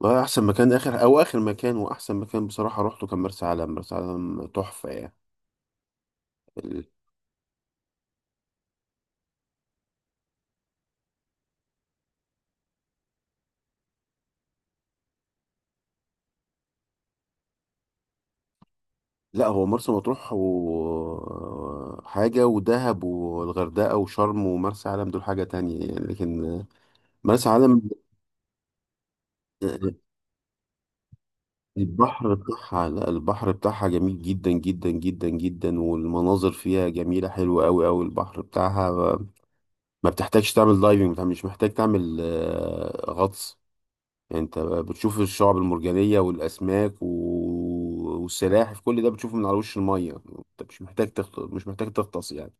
والله احسن مكان اخر او اخر مكان واحسن مكان بصراحه روحته كان مرسى علم. مرسى علم تحفه يعني. ال- لا، هو مرسى مطروح وحاجه ودهب والغردقه وشرم ومرسى علم دول حاجه تانية يعني، لكن مرسى علم، البحر بتاعها لا البحر بتاعها جميل جدا جدا جدا جدا، والمناظر فيها جميله حلوه قوي قوي. البحر بتاعها ما بتحتاجش تعمل دايفنج، مش محتاج تعمل غطس يعني. انت بتشوف الشعب المرجانية والاسماك والسلاحف، كل ده بتشوفه من على وش المية، انت مش محتاج مش محتاج تغطس يعني.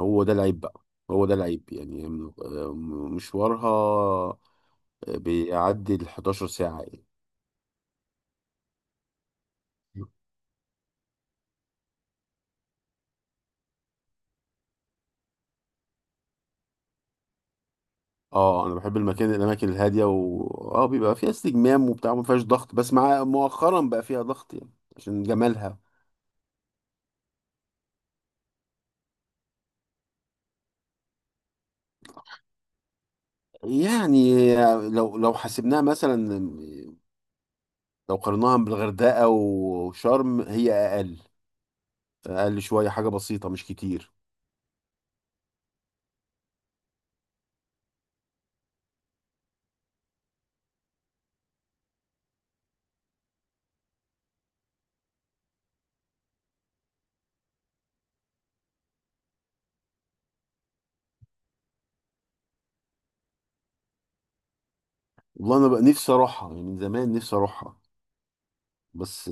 هو ده العيب بقى، هو ده العيب يعني مشوارها بيعدي ال 11 ساعة يعني. اه، انا بحب الاماكن الهادية، و اه، بيبقى فيها استجمام وبتاع، ما فيهاش ضغط، بس مع مؤخرا بقى فيها ضغط يعني عشان جمالها. يعني لو حسبناها مثلا، لو قارناها بالغردقة وشرم هي أقل، أقل شوية، حاجة بسيطة مش كتير. والله أنا بقى نفسي أروحها يعني، من زمان نفسي أروحها بس.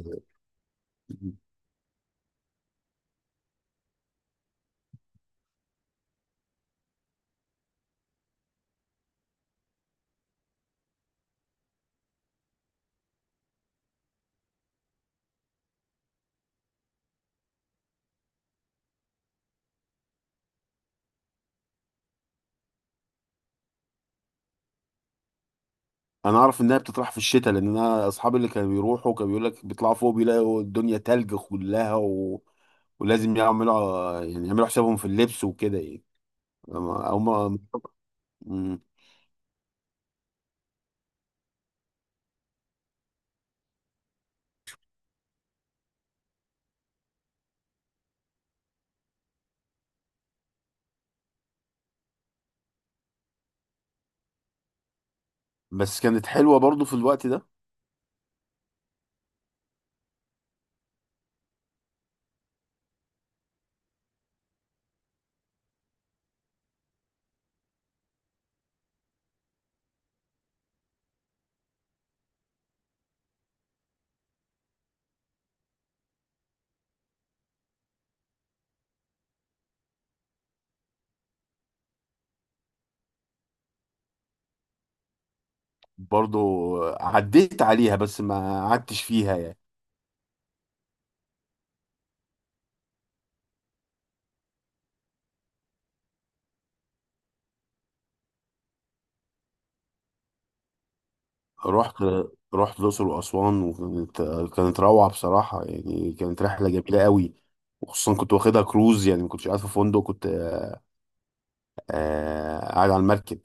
أنا أعرف إنها بتطرح في الشتاء، لأن أنا أصحابي اللي كانوا بيروحوا كانوا بيقول لك بيطلعوا فوق بيلاقوا الدنيا تلج كلها، و... ولازم يعملوا يعني يعملوا حسابهم في اللبس وكده يعني. أما- أو ما مم. بس كانت حلوة برضو في الوقت ده. برضو عديت عليها بس ما قعدتش فيها يعني. رحت رحت الأقصر وأسوان، وكانت، كانت روعة بصراحة يعني، كانت رحلة جميلة قوي. وخصوصا كنت واخدها كروز يعني، ما كنتش قاعد في فندق، كنت قاعد على المركب،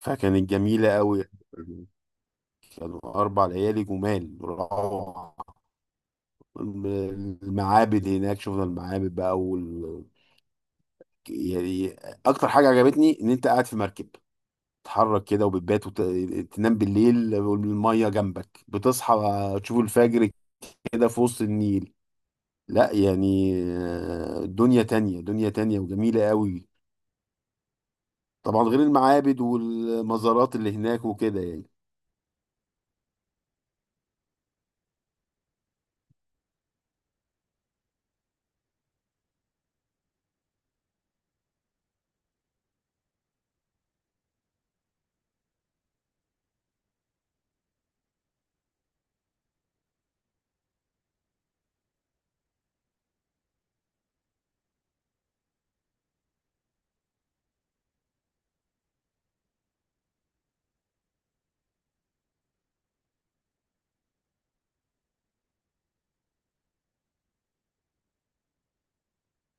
فكانت جميلة قوي. كانوا أربع ليالي جمال، روعة. المعابد هناك، شفنا المعابد بقى، يعني أكتر حاجة عجبتني إن أنت قاعد في مركب تتحرك كده، وبتبات وتنام بالليل والمية جنبك، بتصحى تشوف الفجر كده في وسط النيل. لا يعني دنيا تانية، دنيا تانية وجميلة قوي. طبعا غير المعابد والمزارات اللي هناك وكده يعني.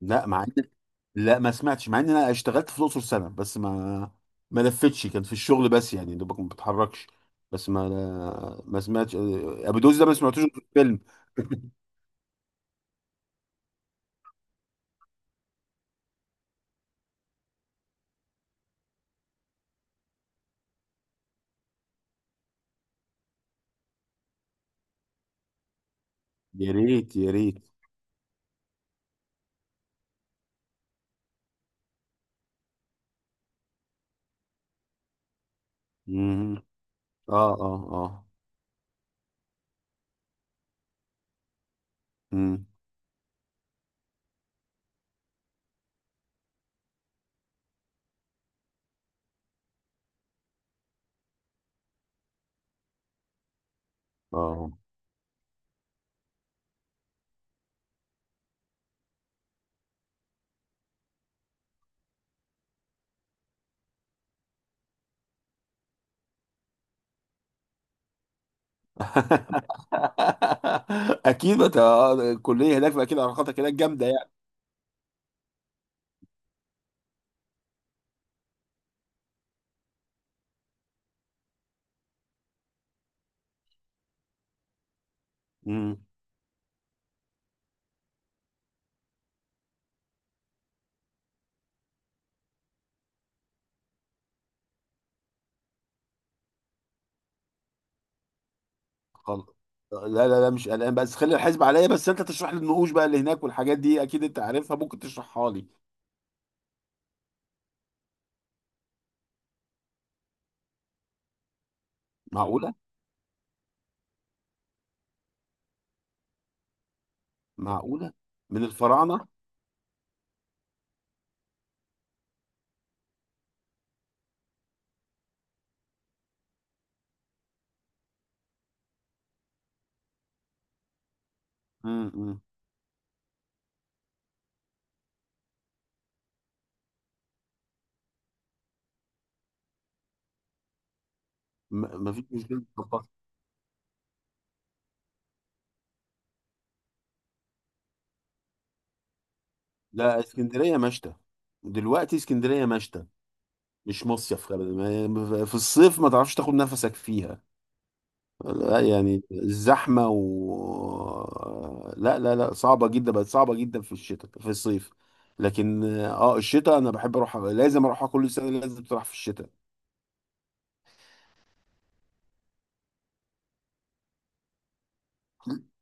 لا مع إن لا، ما سمعتش، مع ان انا اشتغلت في الاقصر سنة، بس ما لفتش، كان في الشغل بس يعني، دوبك ما بتحركش. بس ما سمعتش ابو دوس ده، ما سمعتوش في الفيلم. يا ريت، يا ريت. مم. اه، اه، اه. مم. اه. اكيد بت... الكليه هناك، فاكيد علاقاتك هناك جامده يعني. خلاص، لا لا لا، مش قلقان، بس خلي الحزب عليا، بس انت تشرح لي النقوش بقى اللي هناك والحاجات دي، اكيد انت عارفها ممكن تشرحها لي. معقوله. معقوله. من الفراعنه. امم. ما فيش مشكله طب- لا، اسكندريه مشتى. دلوقتي اسكندريه مشتى، مش مصيف، خلي بالك. في الصيف ما تعرفش تاخد نفسك فيها. لا يعني، الزحمة، و لا لا لا، صعبة جدا، بقت صعبة جدا في الشتاء في الصيف. لكن اه، الشتاء انا بحب اروح، لازم اروحها كل سنة، لازم تروح في الشتاء.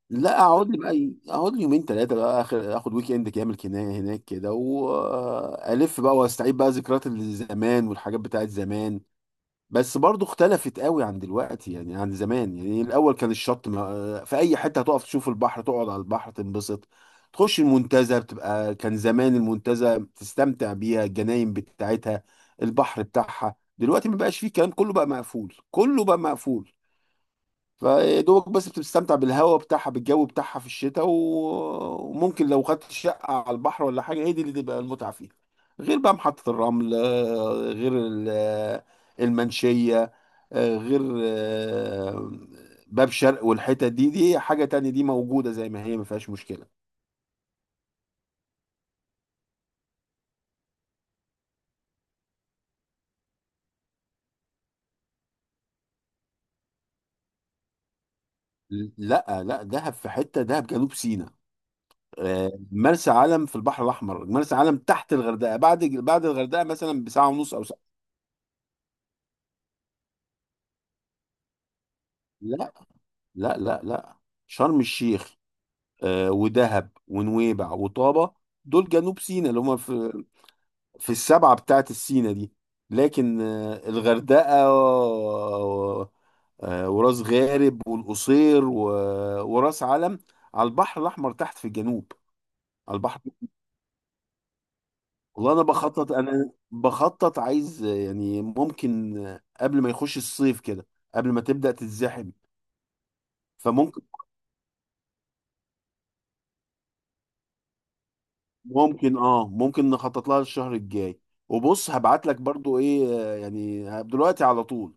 لا، اقعد لي بقى إيه، اقعد لي يومين ثلاثة بقى، اخر اخد ويك اند كامل هناك كده، والف بقى واستعيد بقى ذكريات الزمان والحاجات بتاعت زمان. بس برضو اختلفت قوي عن دلوقتي يعني، عن زمان يعني، الاول كان الشط ما في اي حته هتقف تشوف البحر، تقعد على البحر تنبسط، تخش المنتزه بتبقى، كان زمان المنتزه تستمتع بيها، الجناين بتاعتها، البحر بتاعها. دلوقتي ما بقاش فيه، الكلام كله بقى مقفول، كله بقى مقفول. فدوبك بس بتستمتع بالهواء بتاعها، بالجو بتاعها في الشتاء، وممكن لو خدت شقة على البحر ولا حاجة، هي دي اللي تبقى المتعة فيها. غير بقى محطة الرمل آه، غير ال- المنشية، آه، غير آه، باب شرق، والحتت دي حاجة تانية، دي موجودة زي ما هي ما فيهاش مشكلة. لا لا، دهب في حتة، دهب جنوب سيناء. مرسى علم في البحر الأحمر، مرسى علم تحت الغردقة، بعد الغردقة مثلا بساعة ونص أو ساعة. لا لا لا لا، شرم الشيخ ودهب ونويبع وطابة، دول جنوب سيناء اللي هم في في السبعة بتاعت السيناء دي. لكن الغردقة وراس غارب والقصير وراس علم على البحر الأحمر، تحت في الجنوب. على البحر، والله أنا بخطط، أنا بخطط، عايز يعني ممكن قبل ما يخش الصيف كده، قبل ما تبدأ تتزحم. فممكن ممكن اه ممكن نخطط لها الشهر الجاي. وبص هبعت لك برضو ايه، يعني دلوقتي على طول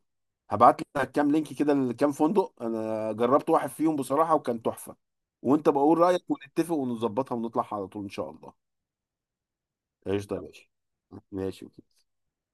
هبعت لك كام لينك كده لكام فندق، انا جربت واحد فيهم بصراحة وكان تحفة، وانت بقول رأيك، ونتفق ونظبطها ونطلع على طول ان شاء الله. قشطة يا باشا، ماشي.